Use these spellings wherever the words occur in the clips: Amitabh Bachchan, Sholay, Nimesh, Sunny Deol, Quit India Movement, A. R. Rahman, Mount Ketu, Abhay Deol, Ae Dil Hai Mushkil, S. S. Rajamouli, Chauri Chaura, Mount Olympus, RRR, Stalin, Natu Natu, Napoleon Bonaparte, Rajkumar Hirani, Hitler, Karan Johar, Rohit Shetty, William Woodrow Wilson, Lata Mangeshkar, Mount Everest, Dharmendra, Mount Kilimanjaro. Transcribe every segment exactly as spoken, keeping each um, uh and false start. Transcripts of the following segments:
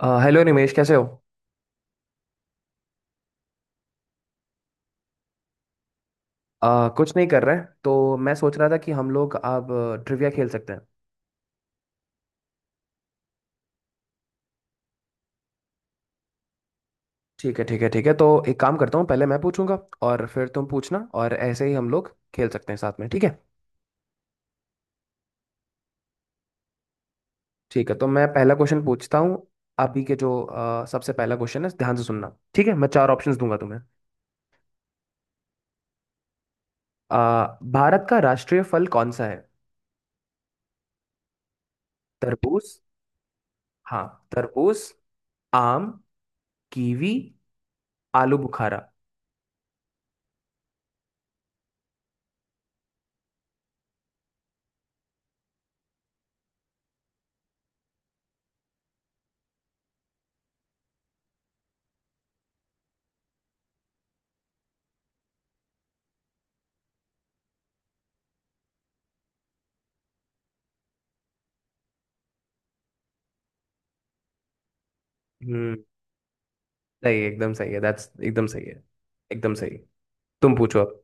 अ, hello Nimesh, कैसे हो? अ, कुछ नहीं कर रहे हैं, तो मैं सोच रहा था कि हम लोग अब ट्रिविया खेल सकते हैं। ठीक है, ठीक है, ठीक है। तो एक काम करता हूँ, पहले मैं पूछूंगा और फिर तुम पूछना, और ऐसे ही हम लोग खेल सकते हैं साथ में, ठीक है। ठीक है, तो मैं पहला क्वेश्चन पूछता हूँ। अभी के जो अ, सबसे पहला क्वेश्चन है, ध्यान से सुनना ठीक है। मैं चार ऑप्शंस दूंगा तुम्हें। अ, भारत का राष्ट्रीय फल कौन सा है? तरबूज, हाँ, तरबूज, आम, कीवी, आलू बुखारा। हम्म। सही है, एकदम सही है, दैट्स एकदम सही है, एकदम सही। तुम पूछो अब।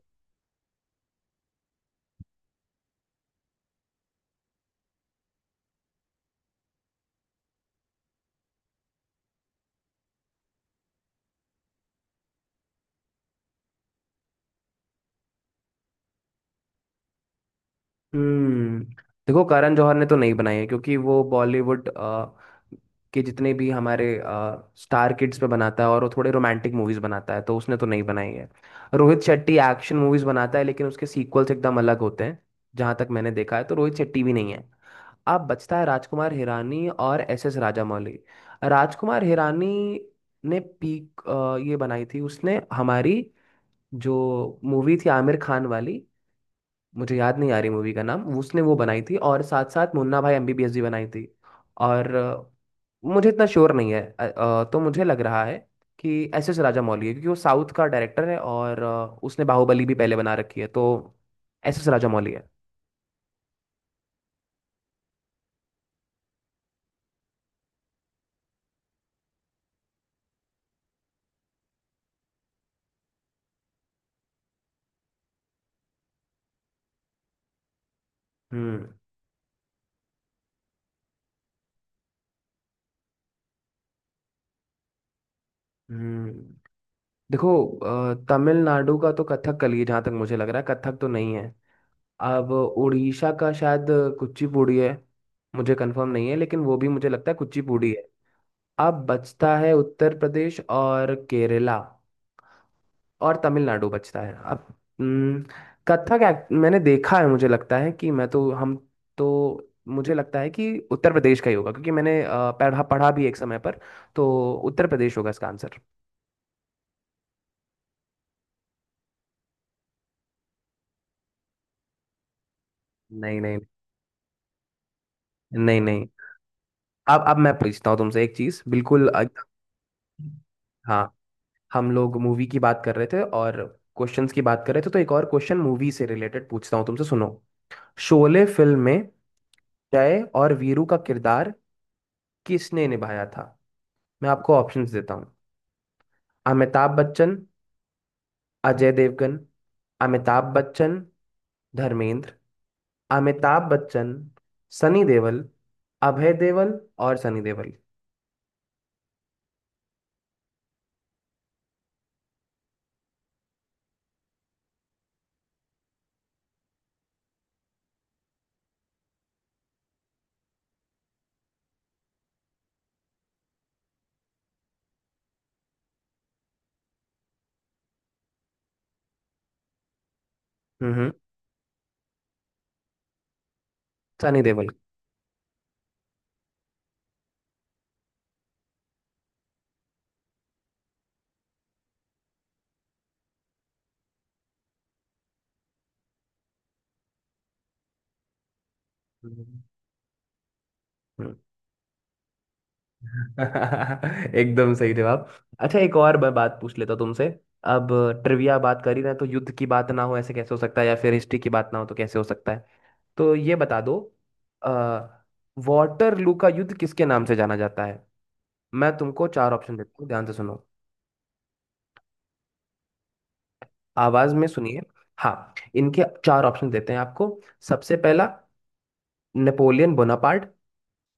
हम्म। देखो, करण जौहर ने तो नहीं बनाई है, क्योंकि वो बॉलीवुड अ, के जितने भी हमारे स्टार किड्स पे बनाता है, और वो थोड़े रोमांटिक मूवीज बनाता है, तो उसने तो नहीं बनाई है। रोहित शेट्टी एक्शन मूवीज बनाता है, लेकिन उसके सीक्वल्स एकदम अलग होते हैं। जहां तक मैंने देखा है, तो रोहित शेट्टी भी नहीं है। अब बचता है राजकुमार हिरानी और एस एस राजामौली। राजकुमार हिरानी ने पीक ये बनाई थी, उसने हमारी जो मूवी थी आमिर खान वाली, मुझे याद नहीं आ रही मूवी का नाम। उसने वो बनाई थी, और साथ साथ मुन्ना भाई एमबीबीएस भी बनाई थी। और अ, मुझे इतना श्योर नहीं है। अ, अ, तो मुझे लग रहा है कि एस एस राजामौली है, क्योंकि वो साउथ का डायरेक्टर है, और अ, उसने बाहुबली भी पहले बना रखी है, तो एस एस राजामौली है। हम्म, हम्म। देखो, अ, तमिलनाडु का तो कथकली है, जहाँ तक मुझे लग रहा है। कथक तो नहीं है। अब उड़ीसा का शायद कुचिपुड़ी है, मुझे कंफर्म नहीं है, लेकिन वो भी मुझे लगता है कुचिपुड़ी है। अब बचता है उत्तर प्रदेश और केरला, और तमिलनाडु बचता है अब। हम्म, कथक act- मैंने देखा है, मुझे लगता है कि मैं तो हम तो मुझे लगता है कि उत्तर प्रदेश का ही होगा, क्योंकि मैंने अ, पढ़ा पढ़ा भी एक समय पर। तो उत्तर प्रदेश होगा इसका आंसर। नहीं, नहीं। नहीं, नहीं। अब अब मैं पूछता हूँ तुमसे एक चीज बिल्कुल। अ, हाँ, हम लोग मूवी की बात कर रहे थे, और क्वेश्चंस की बात कर रहे थे। तो एक और क्वेश्चन मूवी से रिलेटेड पूछता हूँ तुमसे, सुनो। शोले फिल्म में जय और वीरू का किरदार किसने निभाया था? मैं आपको ऑप्शंस देता हूँ। अमिताभ बच्चन, अजय देवगन; अमिताभ बच्चन, धर्मेंद्र; अमिताभ बच्चन, सनी देओल; अभय देओल और सनी देओल। हम्म। सनी देओल। हम्म। हम्म। एकदम सही जवाब। अच्छा, एक और मैं बात पूछ लेता हूं तुमसे। अब ट्रिविया बात कर ही रहे हैं, तो युद्ध की बात ना हो ऐसे कैसे हो सकता है, या फिर हिस्ट्री की बात ना हो तो कैसे हो सकता है? तो ये बता दो। अ, वाटरलू का युद्ध किसके नाम से जाना जाता है? मैं तुमको चार ऑप्शन देता हूँ, ध्यान से सुनो। आवाज में सुनिए। हाँ, इनके चार ऑप्शन देते हैं आपको। सबसे पहला नेपोलियन बोनापार्ट,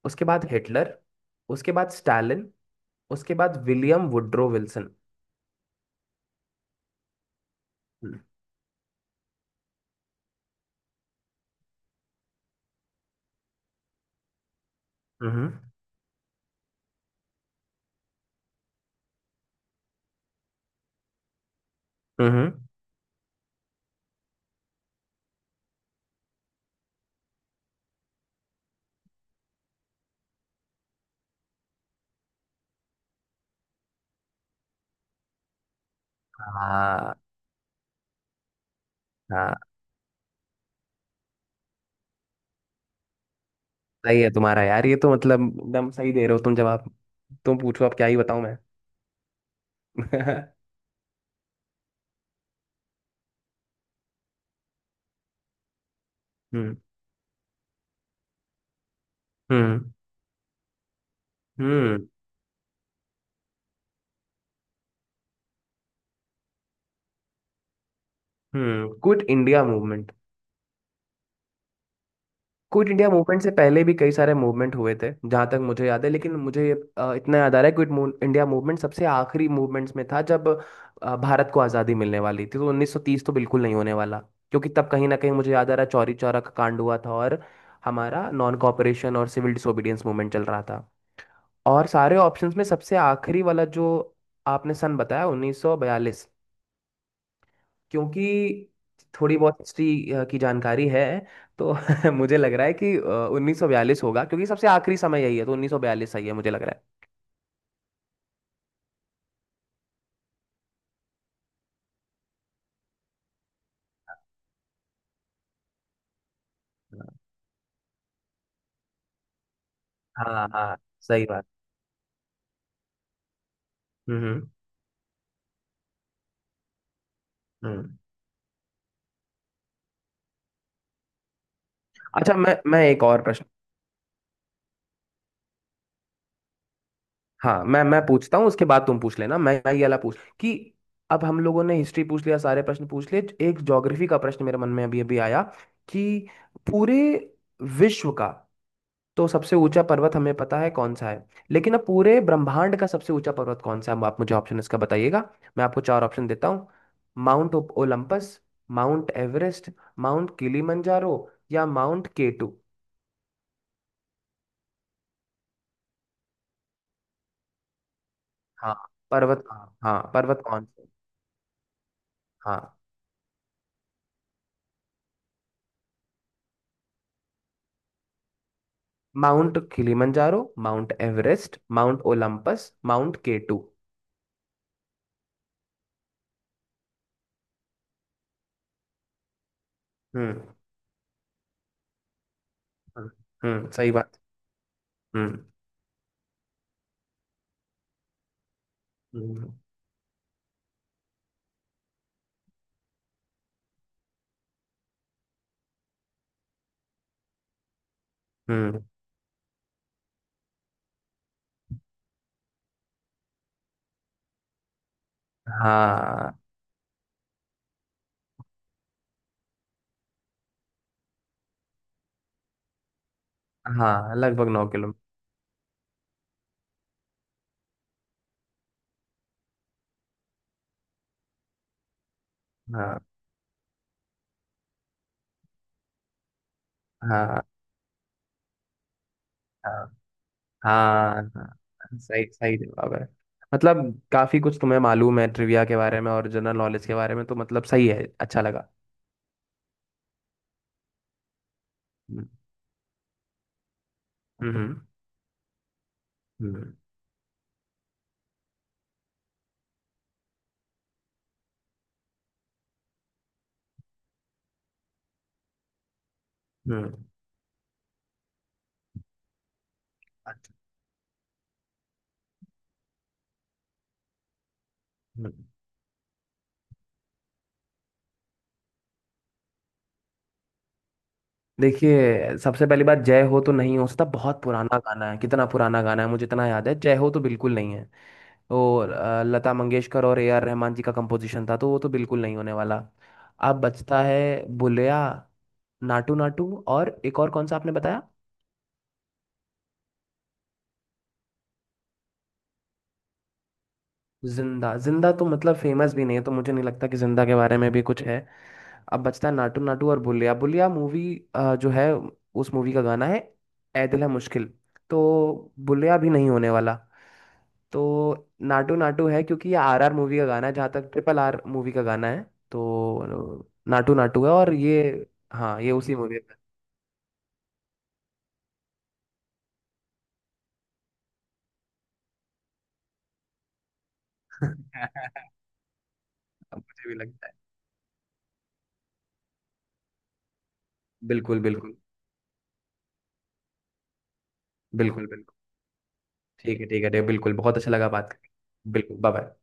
उसके बाद हिटलर, उसके बाद स्टालिन, उसके बाद विलियम वुड्रो विल्सन। हम्म, हम्म। हम्म। हाँ, हाँ। सही है तुम्हारा यार, ये तो मतलब एकदम सही दे रहे हो तुम जवाब। तुम पूछो अब, क्या ही बताऊं मैं? हम्म, हम्म। हम्म, हम्म। Quit India movement. Quit India movement से पहले भी कई सारे मूवमेंट हुए थे जहां तक मुझे याद है, लेकिन मुझे ये, अ, इतना याद आ रहा है क्विट इंडिया मूवमेंट सबसे आखिरी मूवमेंट्स में था, जब अ, भारत को आज़ादी मिलने वाली थी। तो उन्नीस सौ तीस तो बिल्कुल नहीं होने वाला, क्योंकि तब कहीं ना कहीं मुझे याद आ रहा है चौरी चौरा का कांड हुआ था, और हमारा नॉन कॉपरेशन और सिविल डिसोबीडियंस मूवमेंट चल रहा था। और सारे ऑप्शंस में सबसे आखिरी वाला जो आपने सन बताया, उन्नीस सौ बयालीस, क्योंकि थोड़ी बहुत हिस्ट्री अ, की जानकारी है, तो मुझे लग रहा है कि अ, उन्नीस सौ बयालीस होगा, क्योंकि सबसे आखिरी समय यही है। तो उन्नीस सौ बयालीस सही है, मुझे लग रहा है। हाँ, हाँ, सही बात। हम्म, हम्म। हम्म। अच्छा, मैं मैं एक और प्रश्न। हाँ, मैं मैं पूछता हूँ, उसके बाद तुम पूछ लेना। मैं मैं ये वाला पूछ कि, अब हम लोगों ने हिस्ट्री पूछ लिया, सारे प्रश्न पूछ लिए। एक ज्योग्राफी का प्रश्न मेरे मन में अभी अभी आया कि पूरे विश्व का तो सबसे ऊंचा पर्वत हमें पता है कौन सा है, लेकिन अब पूरे ब्रह्मांड का सबसे ऊंचा पर्वत कौन सा है? आप मुझे ऑप्शन इसका बताइएगा। मैं आपको चार ऑप्शन देता हूँ। Mount Olympus, mount Everest, mount Kilimanjaro या माउंट केटू। हाँ, पर्वत। हाँ, पर्वत कौन से? हाँ। Mount Kilimanjaro, mount Everest, mount Olympus, mount K two. हम्म, हम्म। हम्म, सही बात। हम्म, हम्म। हम्म, हाँ। हाँ, लगभग नौ किलोमीटर। हाँ, हाँ, हाँ, हाँ, हाँ, हाँ, सही सही जवाब है। मतलब काफी कुछ तुम्हें मालूम है ट्रिविया के बारे में और जनरल नॉलेज के बारे में, तो मतलब सही है, अच्छा लगा। हम्म, हम्म। हम्म, हम्म, अच्छा, हम्म। देखिए, सबसे पहली बात, जय हो तो नहीं हो सकता, बहुत पुराना गाना है, कितना पुराना गाना है मुझे इतना याद है, जय हो तो बिल्कुल नहीं है। और अ, लता मंगेशकर और ए आर रहमान जी का कंपोजिशन था, तो वो तो बिल्कुल नहीं होने वाला। अब बचता है बुलिया, नाटू नाटू और एक और कौन सा आपने बताया? जिंदा। जिंदा तो मतलब फेमस भी नहीं है, तो मुझे नहीं लगता कि जिंदा के बारे में भी कुछ है। अब बचता है नाटू नाटू और बुलिया। बुलिया मूवी जो है, उस मूवी का गाना है ऐ दिल है मुश्किल, तो बुलिया भी नहीं होने वाला। तो नाटू नाटू है, क्योंकि ये आर आर मूवी का गाना है, जहाँ तक ट्रिपल आर मूवी का गाना है। तो नाटू नाटू है, और ये, हाँ, ये उसी मूवी का। अब मुझे भी लगता है, बिल्कुल, बिल्कुल। बिल्कुल, बिल्कुल। ठीक है, ठीक है, ठीक है, बिल्कुल, बहुत अच्छा लगा बात करके, बिल्कुल, बाय बाय।